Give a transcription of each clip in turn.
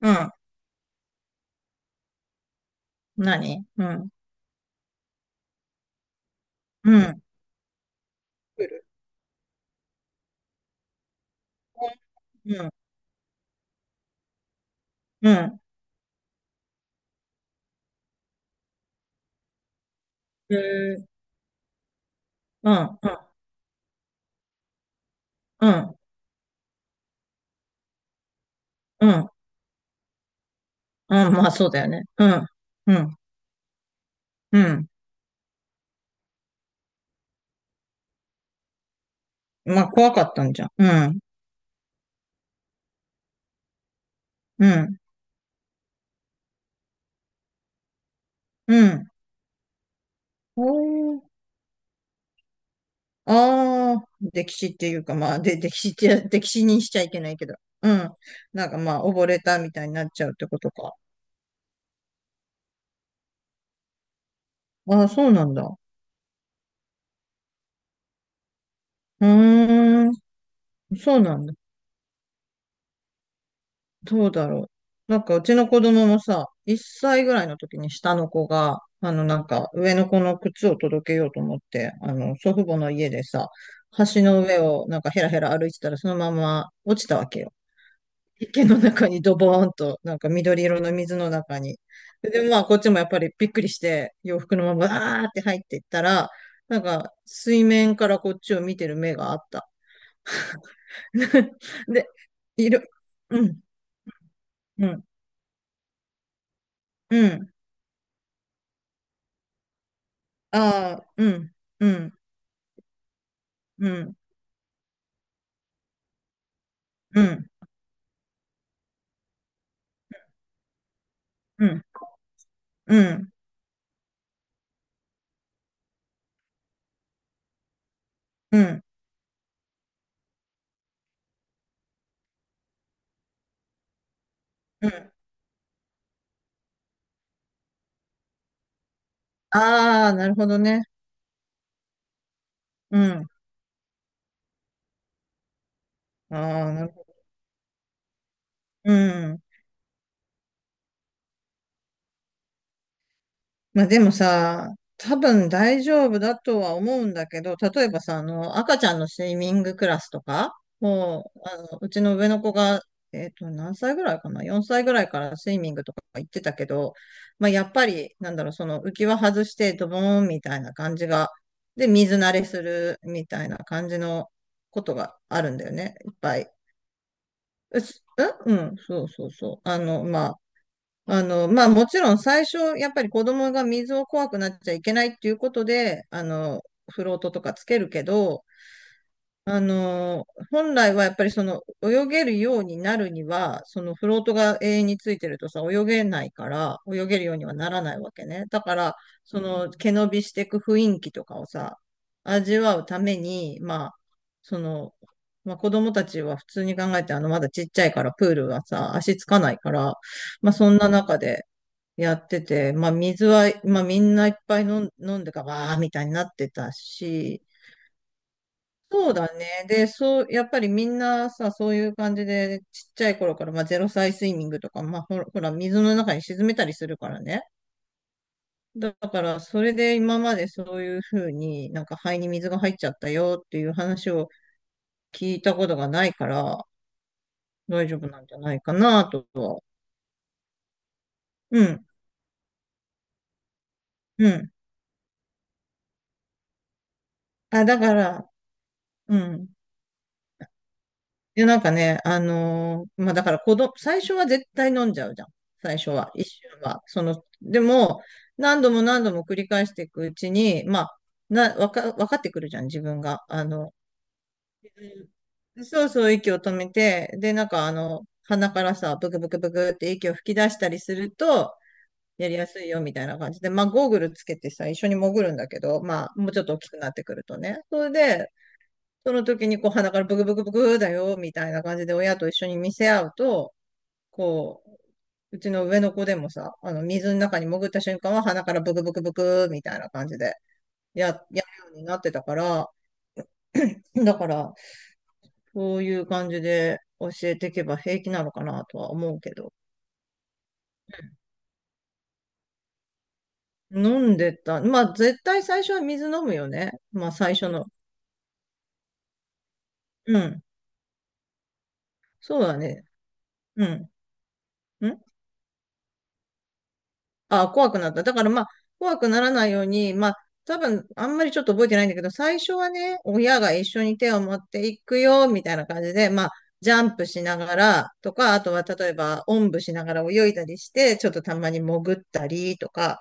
うん。何うん。うん。うん。うん。うん。へーうん。うん。うん。うん。あ、まあそうだよね。うん。うん。うん。まあ怖かったんじゃん。うん。うん。うん。おーああ、歴史っていうか、まあ、で、歴史って、歴史にしちゃいけないけど。うん。なんかまあ、溺れたみたいになっちゃうってことか。ああ、そうなんだ。うーん。そうなんだ。どうだろう。なんかうちの子供もさ、1歳ぐらいの時に下の子が、あのなんか上の子の靴を届けようと思って、あの祖父母の家でさ、橋の上をなんかヘラヘラ歩いてたらそのまま落ちたわけよ。池の中にドボーンと、なんか緑色の水の中に。で、まあこっちもやっぱりびっくりして洋服のままバーって入っていったら、なんか水面からこっちを見てる目があった。で、いる、うん、うん、うん。ああ、うん、うん、うん、うん、うん、うん、うん、うん。ああ、なるほどね。うん。ああ、なるほど。うん。まあでもさ、多分大丈夫だとは思うんだけど、例えばさ、あの、赤ちゃんのスイミングクラスとか、もう、あの、うちの上の子が、何歳ぐらいかな？ 4 歳ぐらいからスイミングとか行ってたけど、まあやっぱり、なんだろう、その浮き輪外してドボーンみたいな感じが、で、水慣れするみたいな感じのことがあるんだよね、いっぱい。うす、んうん、そうそうそう。あの、まあ、あの、まあもちろん最初、やっぱり子供が水を怖くなっちゃいけないっていうことで、あの、フロートとかつけるけど、あの本来はやっぱりその泳げるようになるには、そのフロートが永遠についてるとさ、泳げないから、泳げるようにはならないわけね。だから、その毛伸びしていく雰囲気とかをさ、味わうために、まあ、その、まあ子供たちは普通に考えて、あの、まだちっちゃいからプールはさ、足つかないから、まあそんな中でやってて、まあ水は、まあみんないっぱい飲んでか、わーみたいになってたし、そうだね。で、そう、やっぱりみんなさ、そういう感じで、ちっちゃい頃から、まあ、ゼロ歳スイミングとか、まあ、ほら、ほら、水の中に沈めたりするからね。だから、それで今までそういうふうになんか肺に水が入っちゃったよっていう話を聞いたことがないから、大丈夫なんじゃないかなとは。うん、うん。あ、だから、うん。で、なんかね、まあ、だから子供、最初は絶対飲んじゃうじゃん。最初は。一瞬は。その、でも、何度も何度も繰り返していくうちに、まあ、な、わか、わかってくるじゃん、自分が。あの、うんそうそう、息を止めて、で、なんかあの、鼻からさ、ブクブクブクって息を吹き出したりすると、やりやすいよ、みたいな感じで、まあ、ゴーグルつけてさ、一緒に潜るんだけど、まあ、もうちょっと大きくなってくるとね。それで、その時にこう鼻からブクブクブクだよ、みたいな感じで親と一緒に見せ合うと、こう、うちの上の子でもさ、あの、水の中に潜った瞬間は鼻からブクブクブクみたいな感じで、やるようになってたから、だから、そういう感じで教えていけば平気なのかなとは思うけど。飲んでた。まあ、絶対最初は水飲むよね。まあ、最初の。うん。そうだね。うん。んああ、怖くなった。だからまあ、怖くならないように、まあ、多分、あんまりちょっと覚えてないんだけど、最初はね、親が一緒に手を持っていくよ、みたいな感じで、まあ、ジャンプしながらとか、あとは例えば、おんぶしながら泳いだりして、ちょっとたまに潜ったりとか、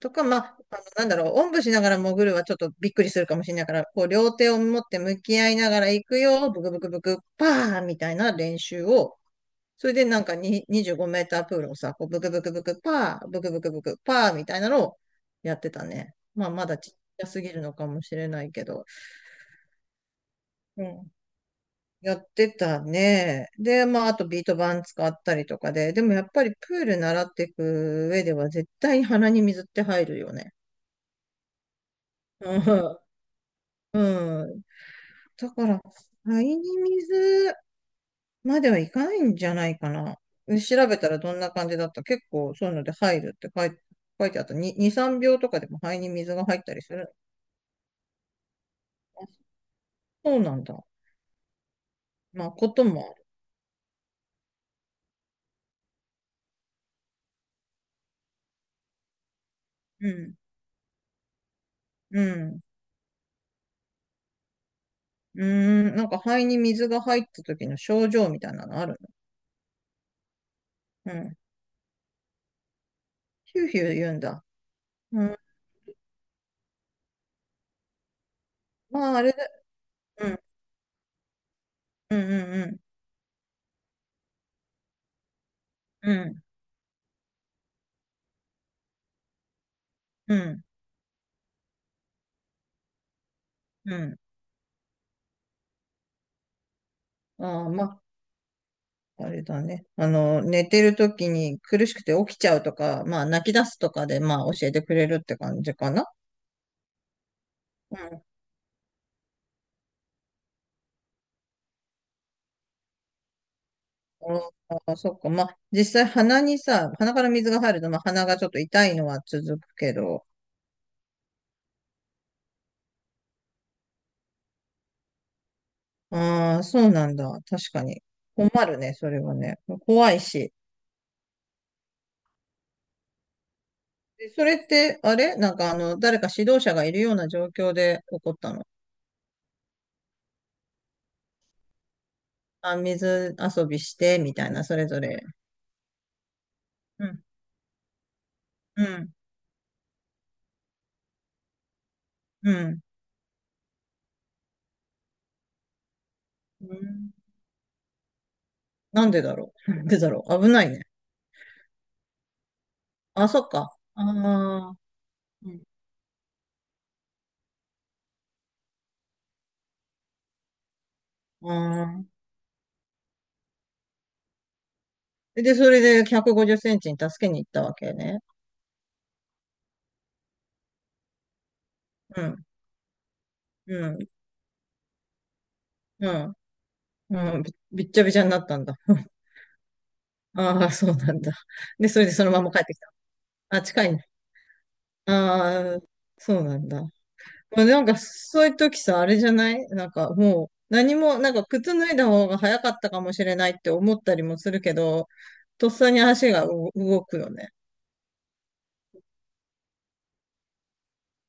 とか、まあ、あのなんだろう、おんぶしながら潜るはちょっとびっくりするかもしれないから、こう、両手を持って向き合いながら行くよ、ブクブクブク、パーみたいな練習を、それでなんかに25メータープールをさ、こうブクブクブクパー、ブクブクブクパーみたいなのをやってたね。まあまだちっちゃすぎるのかもしれないけど。うん。やってたね。で、まああとビート板使ったりとかで。でもやっぱりプール習っていく上では絶対に鼻に水って入るよね。うん。うん。だから、肺に水、まではいかないんじゃないかな。調べたらどんな感じだった結構そういうので入るって書いてあった。2、2、3秒とかでも肺に水が入ったりする。そうなんだ。まあ、こともある。うん。うん。うーん。なんか肺に水が入った時の症状みたいなのあるのうん。ヒューヒュー言うんだ。うん。まあ、あれだ。うん。うんうんうん。うん。うん。うん。ああ、まあ。あれだね。あの、寝てる時に苦しくて起きちゃうとか、まあ泣き出すとかで、まあ教えてくれるって感じかな。うん、あーそっか。まあ、実際鼻にさ、鼻から水が入ると、まあ、鼻がちょっと痛いのは続くけど、ああ、そうなんだ。確かに。困るね、それはね。怖いし。で、それって、あれなんかあの、誰か指導者がいるような状況で起こったの？あ、水遊びして、みたいな、それぞれ。うん、うん、うん。うん、なんでだろう、なんでだろう、危ないね。あ、そっか。ああ、うん。ああ、で、それで150センチに助けに行ったわけね。うん、うん、うん、うん、びっちゃびちゃになったんだ。ああ、そうなんだ。で、それでそのまま帰ってきた。あ、近いね。ああ、そうなんだ。まあ、なんか、そういう時さ、あれじゃないなんか、もう、何も、なんか、靴脱いだ方が早かったかもしれないって思ったりもするけど、とっさに足がう動くよね。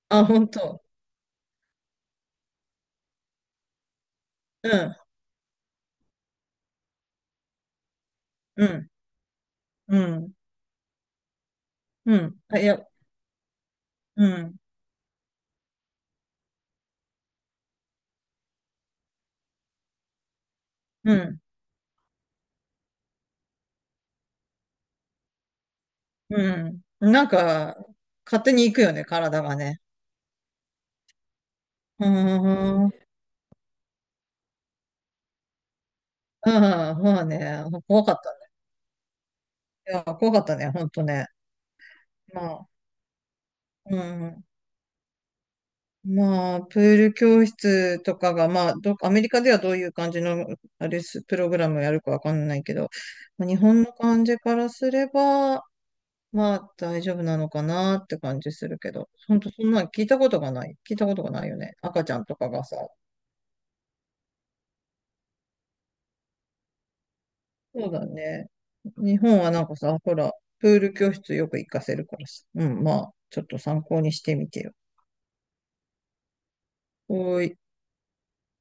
あ、本当。うん、うん、うん、うん。あ、いや、うん、うん、うん。なんか、勝手に行くよね、体がね。うーん。うん、まあね、怖かったね。いや、怖かったね、ほんとね。まあ、うん。まあ、プール教室とかが、まあ、ど、アメリカではどういう感じの、あれす、プログラムをやるかわかんないけど、まあ日本の感じからすれば、まあ、大丈夫なのかなって感じするけど、ほんと、そんなん聞いたことがない。聞いたことがないよね。赤ちゃんとかがさ。そうだね。日本はなんかさ、ほら、プール教室よく行かせるからさ。うん、まあ、ちょっと参考にしてみてよ。おーい。